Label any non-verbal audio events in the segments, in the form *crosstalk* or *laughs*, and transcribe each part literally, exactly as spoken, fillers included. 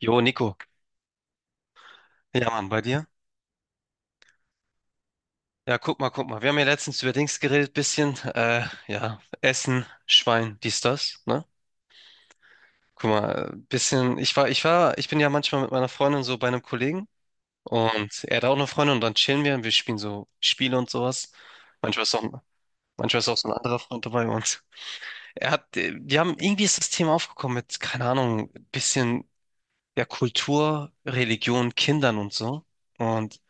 Jo, Nico. Ja, Mann, bei dir? Ja, guck mal, guck mal. Wir haben ja letztens über Dings geredet, bisschen, äh, ja, Essen, Schwein, dies, das, ne? Guck mal, äh, bisschen, ich war, ich war, ich bin ja manchmal mit meiner Freundin so bei einem Kollegen, und er hat auch eine Freundin und dann chillen wir und wir spielen so Spiele und sowas. Manchmal ist auch, manchmal ist auch so ein anderer Freund dabei, und er hat, äh, wir haben, irgendwie ist das Thema aufgekommen mit, keine Ahnung, bisschen, ja, Kultur, Religion, Kindern und so. Und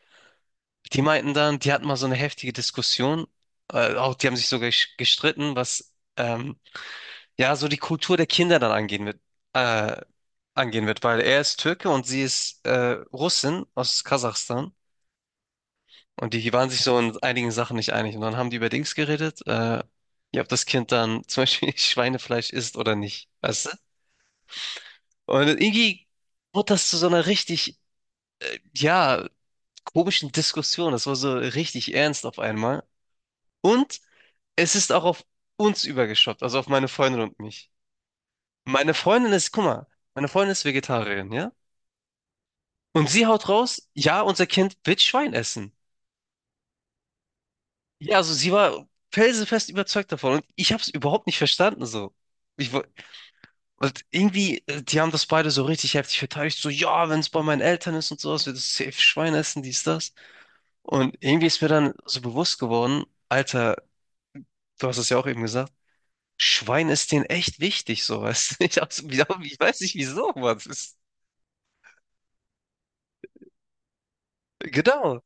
die meinten dann, die hatten mal so eine heftige Diskussion. Äh, auch die haben sich sogar gesch- gestritten, was ähm, ja so die Kultur der Kinder dann angehen wird, äh, angehen wird, weil er ist Türke und sie ist äh, Russin aus Kasachstan, und die waren sich so in einigen Sachen nicht einig. Und dann haben die über Dings geredet, äh, ja, ob das Kind dann zum Beispiel *laughs* Schweinefleisch isst oder nicht, weißt du? Und irgendwie wurde das zu so einer richtig, ja, komischen Diskussion. Das war so richtig ernst auf einmal. Und es ist auch auf uns übergeschwappt, also auf meine Freundin und mich. Meine Freundin ist, guck mal, Meine Freundin ist Vegetarierin, ja? Und sie haut raus, ja, unser Kind wird Schwein essen. Ja, also sie war felsenfest überzeugt davon und ich habe es überhaupt nicht verstanden so. Ich, wo- und irgendwie, äh, die haben das beide so richtig heftig verteidigt, so, ja, wenn es bei meinen Eltern ist und sowas, wird es safe Schwein essen, dies, das. Und irgendwie ist mir dann so bewusst geworden, Alter, du hast es ja auch eben gesagt, Schwein ist denen echt wichtig, sowas. *laughs* Ich, hab's- ich weiß nicht wieso, Mann. Das ist, genau.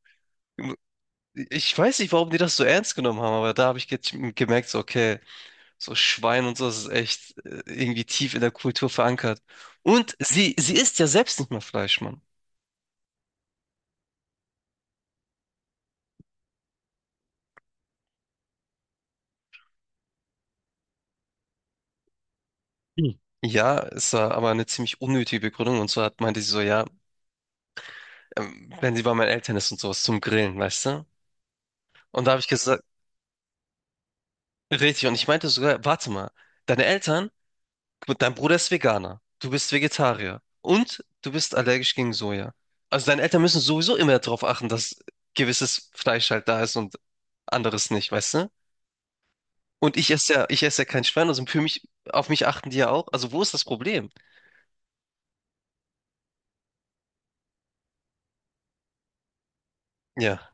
Ich weiß nicht, warum die das so ernst genommen haben, aber da habe ich ge gemerkt, so, okay, so Schwein und so, das ist echt äh, irgendwie tief in der Kultur verankert. Und sie, sie isst ja selbst nicht mehr Fleisch, Mann. Hm. Ja, es war aber eine ziemlich unnötige Begründung. Und zwar hat- meinte sie so, ja, ähm, wenn sie bei meinen Eltern ist und sowas zum Grillen, weißt du? Und da habe ich gesagt, richtig. Und ich meinte sogar, warte mal, deine Eltern, gut, dein Bruder ist Veganer, du bist Vegetarier und du bist allergisch gegen Soja. Also deine Eltern müssen sowieso immer darauf achten, dass gewisses Fleisch halt da ist und anderes nicht, weißt du? Und ich esse ja, ich esse ja kein Schwein, also für mich, auf mich achten die ja auch. Also wo ist das Problem? Ja.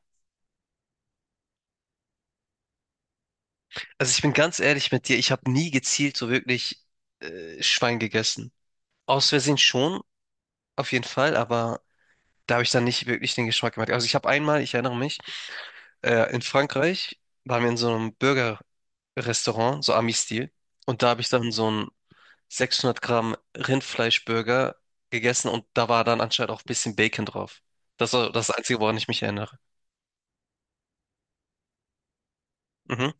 Also ich bin ganz ehrlich mit dir, ich habe nie gezielt so wirklich äh, Schwein gegessen. Aus Versehen schon, auf jeden Fall, aber da habe ich dann nicht wirklich den Geschmack gemerkt. Also ich habe einmal, ich erinnere mich, Äh, in Frankreich waren wir in so einem Burger-Restaurant, so Ami-Stil. Und da habe ich dann so einen sechshundert Gramm Rindfleischburger gegessen und da war dann anscheinend auch ein bisschen Bacon drauf. Das war das Einzige, woran ich mich erinnere. Mhm,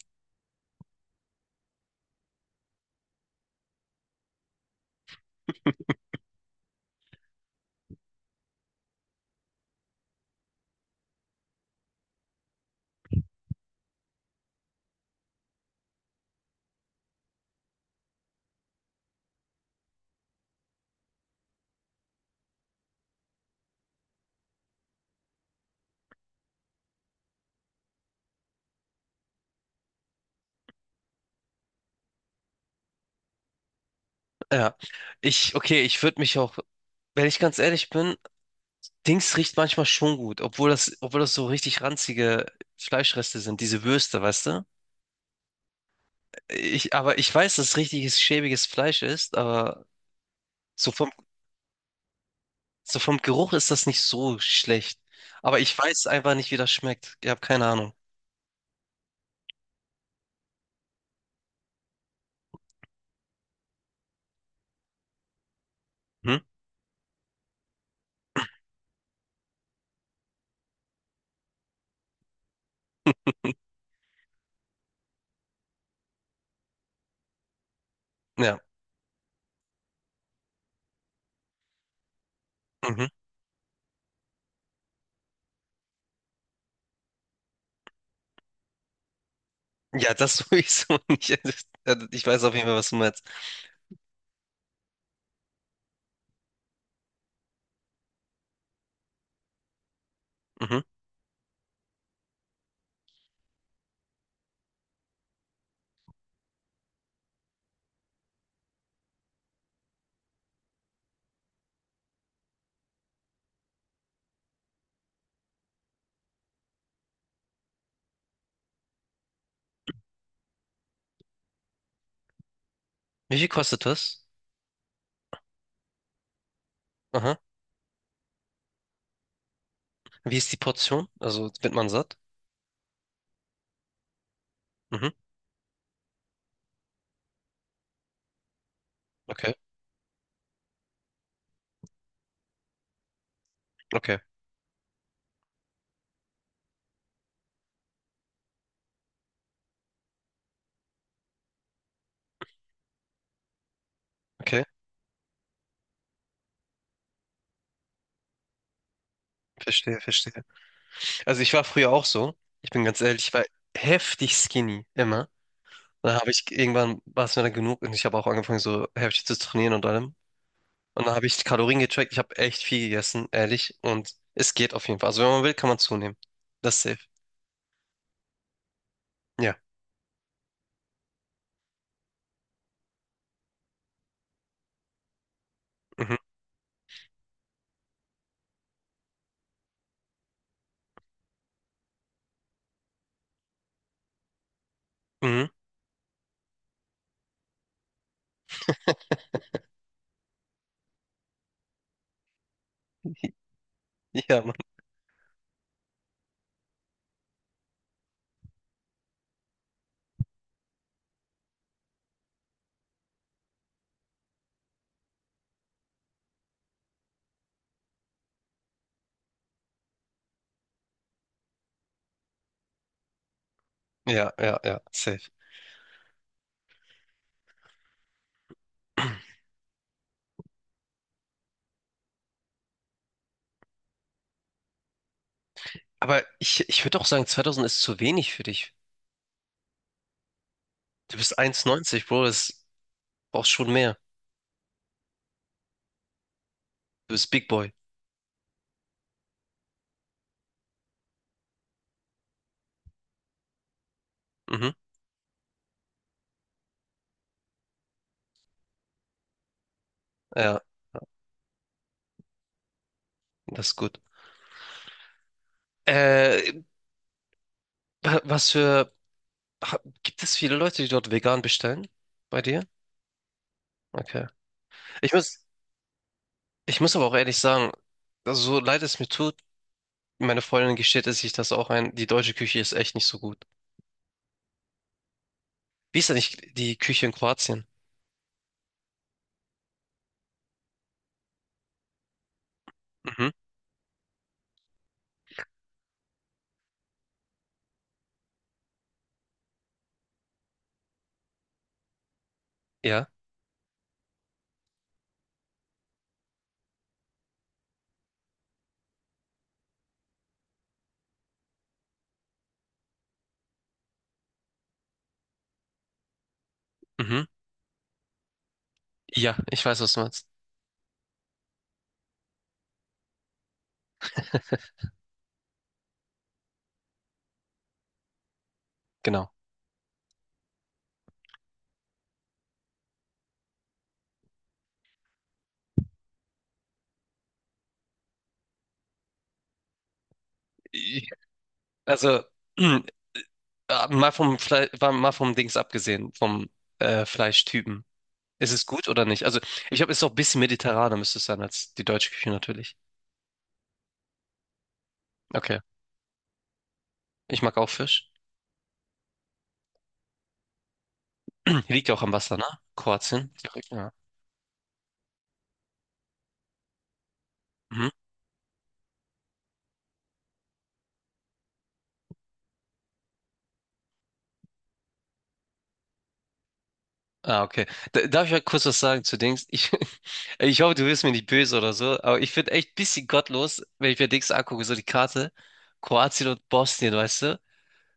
ja. Ich, okay, ich würde mich auch, wenn ich ganz ehrlich bin, Dings riecht manchmal schon gut, obwohl das, obwohl das so richtig ranzige Fleischreste sind, diese Würste, weißt du? Ich, aber ich weiß, dass richtiges schäbiges Fleisch ist, aber so vom so vom Geruch ist das nicht so schlecht. Aber ich weiß einfach nicht, wie das schmeckt. Ich habe keine Ahnung. Hm? Ja. Mhm. Ja, das sowieso *laughs* nicht. Also, ich weiß auf jeden Fall, was du meinst. Mhm. Wie viel kostet das? Aha. Wie ist die Portion? Also wird man satt? Mhm. Okay. Okay. Okay. Verstehe, verstehe. Also ich war früher auch so. Ich bin ganz ehrlich, ich war heftig skinny, immer. Dann habe ich irgendwann, war es mir dann genug, und ich habe auch angefangen, so heftig zu trainieren und allem. Und dann habe ich die Kalorien gecheckt. Ich habe echt viel gegessen, ehrlich. Und es geht auf jeden Fall. Also wenn man will, kann man zunehmen. Das ist safe. Ja. Mhm. Mhm. *laughs* Ja, Mann. Ja, ja, ja, safe. Aber ich, ich würde auch sagen, zweitausend ist zu wenig für dich. Du bist ein Meter neunzig, Bro. Das brauchst schon mehr. Du bist Big Boy. Mhm. Ja, das ist gut. Äh, wa- Was für... ha- Gibt es viele Leute, die dort vegan bestellen? Bei dir? Okay. Ich muss, ich muss aber auch ehrlich sagen, also so leid es mir tut, meine Freundin gesteht es sich das auch ein, die deutsche Küche ist echt nicht so gut. Wie ist denn nicht die Küche in Kroatien? Mhm. Ja. Mhm. Ja, ich weiß, was du meinst. Genau. Ich-. Also, *clears throat* äh, mal vom Fle war- mal vom Dings abgesehen, vom äh, Fleischtypen. Ist es gut oder nicht? Also, ich glaube, es ist auch ein bisschen mediterraner, müsste es sein, als die deutsche Küche natürlich. Okay. Ich mag auch Fisch. *clears throat* Liegt ja auch am Wasser, ne? Kroatien. Direkt, ja. Mhm. Ah, okay. Da- Darf ich mal kurz was sagen zu Dings? Ich, *laughs* ich hoffe, du wirst mir nicht böse oder so, aber ich finde echt ein bisschen gottlos, wenn ich mir Dings angucke, so die Karte. Kroatien und Bosnien, weißt du?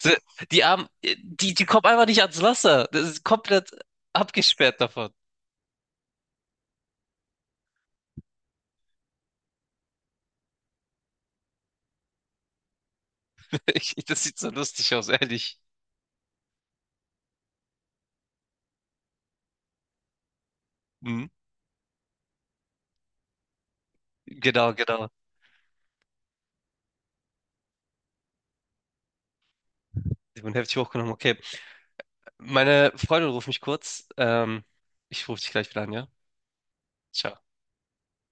So, die haben, die, die kommen einfach nicht ans Wasser. Das ist komplett abgesperrt davon. *laughs* Ich, das sieht so lustig aus, ehrlich. Mhm. Genau, genau. Ich bin heftig hochgenommen. Okay. Meine Freundin ruft mich kurz. Ähm, ich rufe dich gleich wieder an, ja? Ciao.